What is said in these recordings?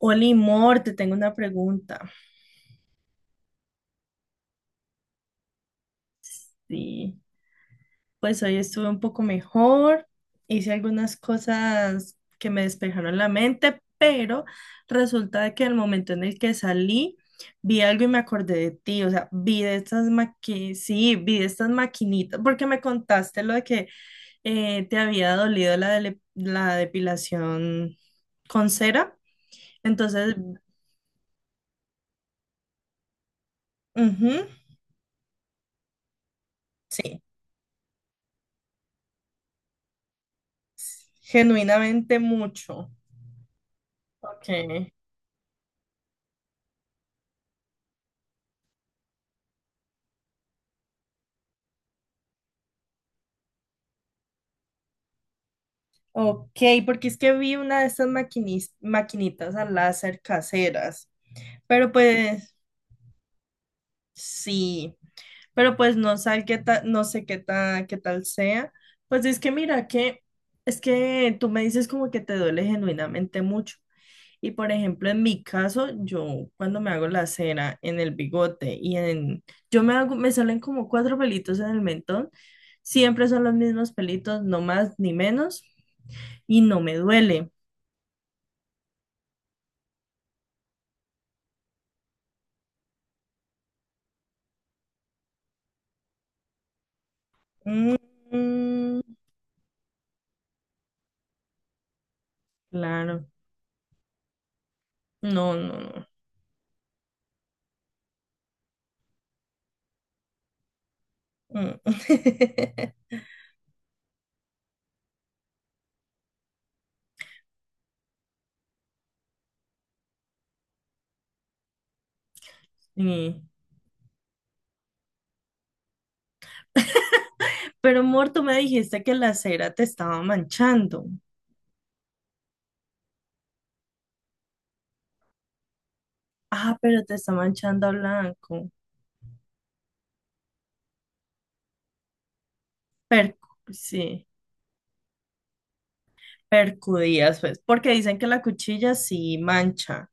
Oli Mor, te tengo una pregunta. Sí, pues hoy estuve un poco mejor, hice algunas cosas que me despejaron la mente, pero resulta de que al momento en el que salí, vi algo y me acordé de ti, o sea, vi de estas maquinitas, porque me contaste lo de que te había dolido la depilación con cera, entonces, ujú, sí, genuinamente mucho. Ok. Ok, porque es que vi una de estas maquinitas a láser caseras, pero pues sí, pero pues no sé qué tal sea. Pues es que mira que es que tú me dices como que te duele genuinamente mucho. Y por ejemplo, en mi caso, yo cuando me hago la cera en el bigote y en yo me hago me salen como cuatro pelitos en el mentón, siempre son los mismos pelitos, no más ni menos, y no me duele. Mm, mm, claro. No, no, no. Mm. Sí. Pero, amor, tú me dijiste que la cera te estaba manchando. Ah, pero te está manchando a blanco. Sí, percudías, pues, porque dicen que la cuchilla sí mancha.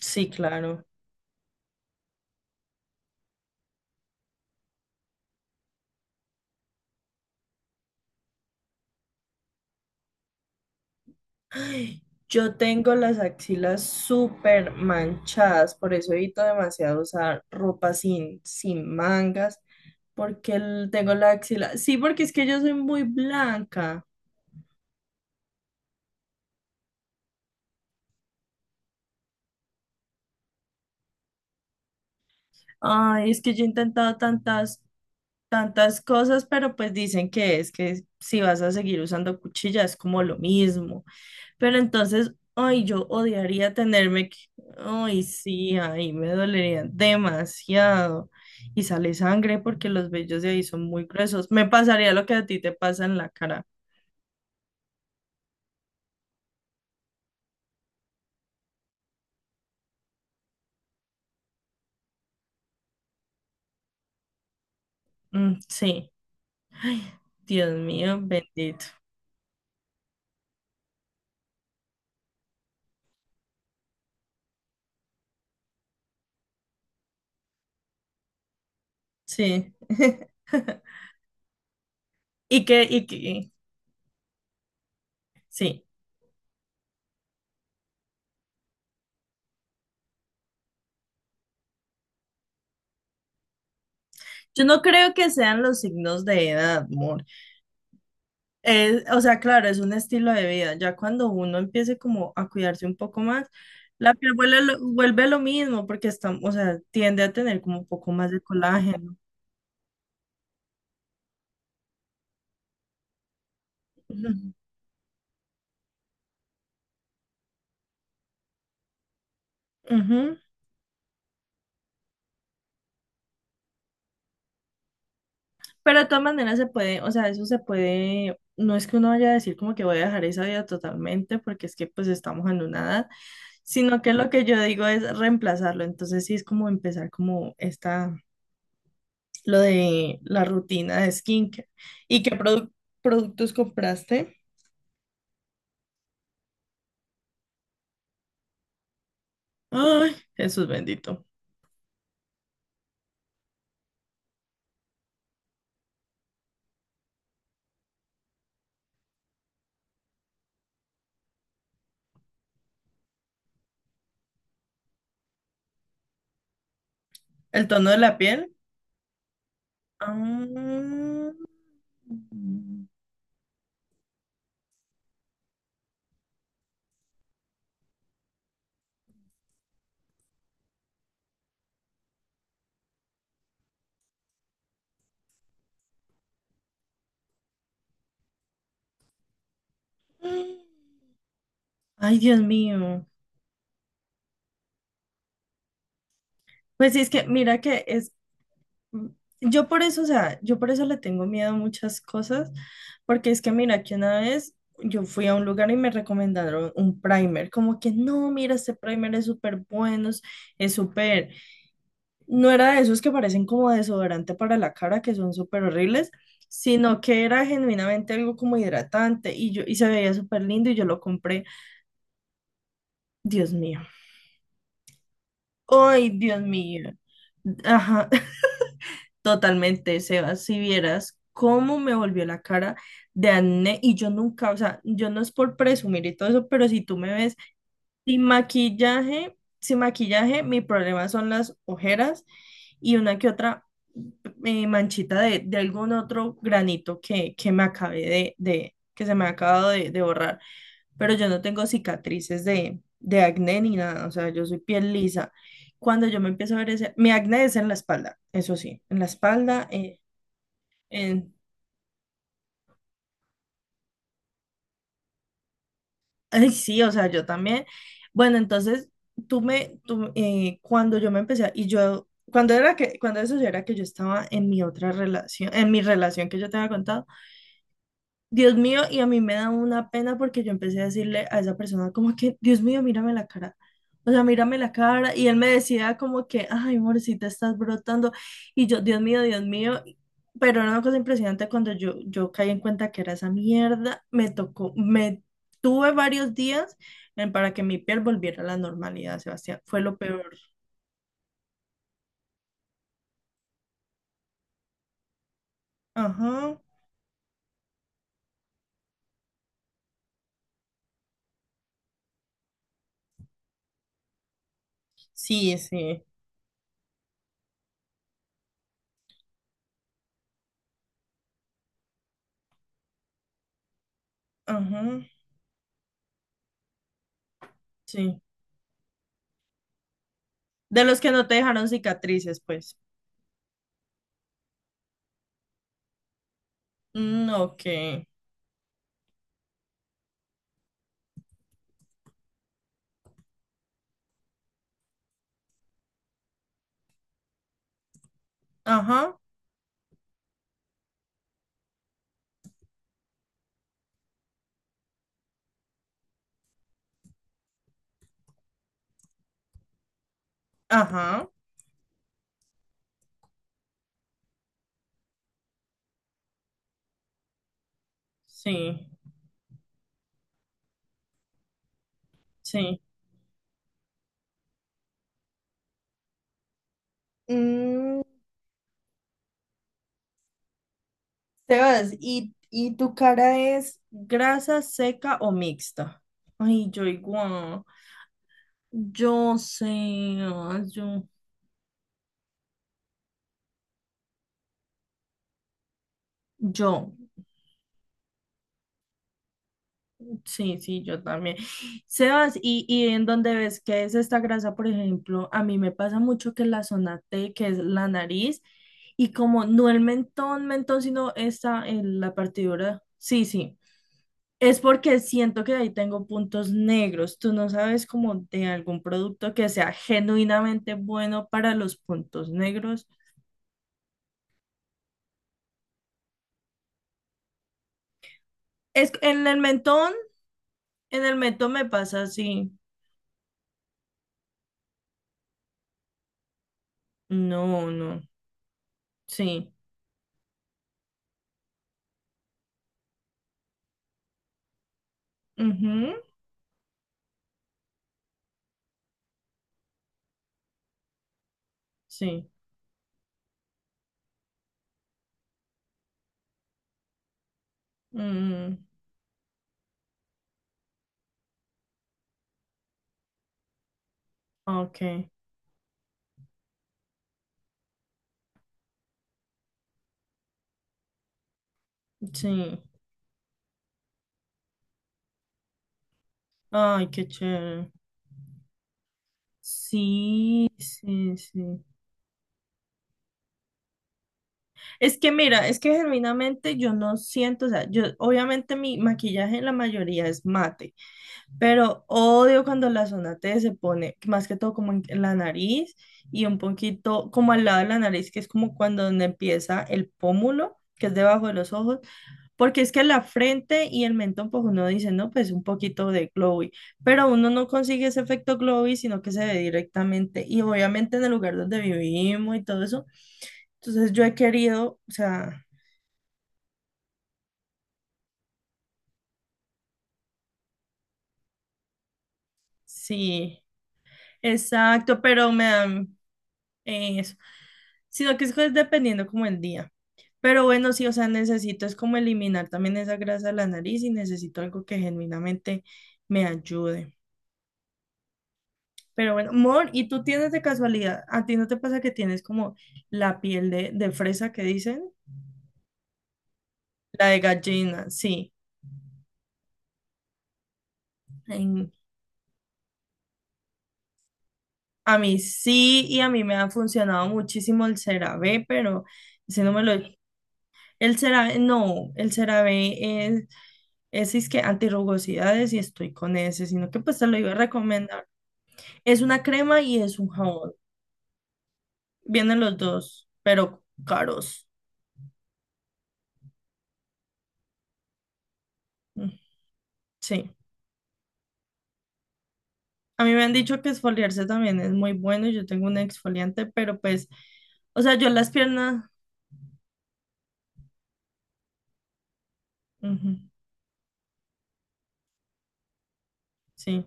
Sí, claro. Yo tengo las axilas súper manchadas, por eso evito demasiado usar ropa sin mangas. Tengo la axila. Sí, porque es que yo soy muy blanca. Ay, es que yo he intentado tantas cosas, pero pues dicen que es que si vas a seguir usando cuchilla es como lo mismo. Pero entonces, ay, yo odiaría tenerme que... Ay, sí, ahí me dolería demasiado. Y sale sangre porque los vellos de ahí son muy gruesos. Me pasaría lo que a ti te pasa en la cara. Mm, sí, Dios mío, bendito. Sí. Y que, y que, sí. Yo no creo que sean los signos de edad, amor. O sea, claro, es un estilo de vida. Ya cuando uno empiece como a cuidarse un poco más, la piel vuelve lo mismo porque está, o sea, tiende a tener como un poco más de colágeno. Ujú. Ujú. Pero de todas maneras se puede, o sea, eso se puede, no es que uno vaya a decir como que voy a dejar esa vida totalmente porque es que pues estamos en una edad, sino que lo que yo digo es reemplazarlo. Entonces sí es como empezar como esta lo de la rutina de skincare. ¿Y qué produ- Productos compraste? Ay, Jesús bendito. ¿El tono de la piel? Ah. Ay, Dios mío. Pues sí, es que mira que es, yo por eso, o sea, yo por eso le tengo miedo a muchas cosas, porque es que mira que una vez yo fui a un lugar y me recomendaron un primer, como que no, mira, este primer es súper bueno, es súper. No era de esos que parecen como desodorante para la cara, que son súper horribles, sino que era genuinamente algo como hidratante, y yo y se veía súper lindo y yo lo compré. Dios mío. Ay, Dios mío. Ajá, totalmente, Sebas, si vieras cómo me volvió la cara de acné. Y yo nunca, o sea, yo no es por presumir y todo eso, pero si tú me ves sin maquillaje, mi problema son las ojeras y una que otra manchita de algún otro granito que me que se me ha acabado de borrar. Pero yo no tengo cicatrices de acné ni nada, o sea, yo soy piel lisa. Cuando yo me empiezo a ver ese, mi acné es en la espalda, eso sí, en la espalda, en Ay, sí, o sea, yo también. Bueno, entonces, cuando yo me empecé, a- y yo, cuando era que, cuando eso era que yo estaba en mi otra relación, en mi relación que yo te había contado, Dios mío, y a mí me da una pena porque yo empecé a decirle a esa persona como que, Dios mío, mírame la cara. O sea, mírame la cara. Y él me decía como que, ay, amorcita, estás brotando. Y yo, Dios mío, Dios mío. Pero era una cosa impresionante cuando yo caí en cuenta que era esa mierda. Me tuve varios días para que mi piel volviera a la normalidad, Sebastián. Fue lo peor. Ajá. Sí, sí. Ajá. Sí. De los que no te dejaron cicatrices, pues. Mm, ok. Ajá, ajá, sí, sí. Mm, Sebas, ¿ y tu cara es grasa, seca o mixta? Ay, yo igual. Yo sé, ah, yo, yo, sí, sí, yo también. Sebas, ¿ y en dónde ves que es esta grasa, por ejemplo? A mí me pasa mucho que la zona T, que es la nariz, y como no el mentón, sino esta, en la partidura, sí, sí. Es porque siento que ahí tengo puntos negros. Tú no sabes como de algún producto que sea genuinamente bueno para los puntos negros. Es en el mentón me pasa así. No, no. Sí. Ujú, sí. Mm, ok. Sí. Ay, qué chévere. Sí, sí, sí. Es que mira, es que genuinamente yo no siento, o sea, yo obviamente mi maquillaje la mayoría es mate. Pero odio cuando la zona T se pone, más que todo como en la nariz y un poquito como al lado de la nariz, que es como cuando donde empieza el pómulo, que es debajo de los ojos, porque es que la frente y el mentón, pues uno dice, no, pues un poquito de glowy, pero uno no consigue ese efecto glowy, sino que se ve directamente y obviamente en el lugar donde vivimos y todo eso. Entonces yo he querido, o sea, sí, exacto, pero me da eso, sino que es pues, dependiendo como el día. Pero bueno, sí, o sea, necesito es como eliminar también esa grasa de la nariz y necesito algo que genuinamente me ayude. Pero bueno, Mor, ¿y tú tienes de casualidad? ¿A ti no te pasa que tienes como la piel de fresa que dicen? La de gallina, sí. En- a mí sí, y a mí me ha funcionado muchísimo el CeraVe, pero ese no me lo... El CeraVe, no, el CeraVe es ese es que antirrugosidades y estoy con ese, sino que pues te lo iba a recomendar. Es una crema y es un jabón. Vienen los dos, pero caros. Mm, sí. A mí me han dicho que exfoliarse también es muy bueno. Yo tengo un exfoliante, pero pues, o sea, yo las piernas, ujú, sí.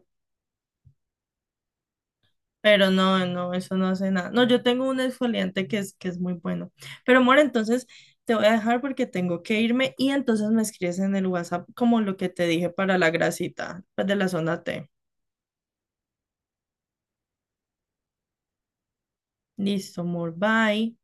Pero no, no, eso no hace nada. No, yo tengo un exfoliante que que es muy bueno. Pero amor, entonces te voy a dejar porque tengo que irme y entonces me escribes en el WhatsApp como lo que te dije para la grasita, pues de la zona T. Listo, amor, bye.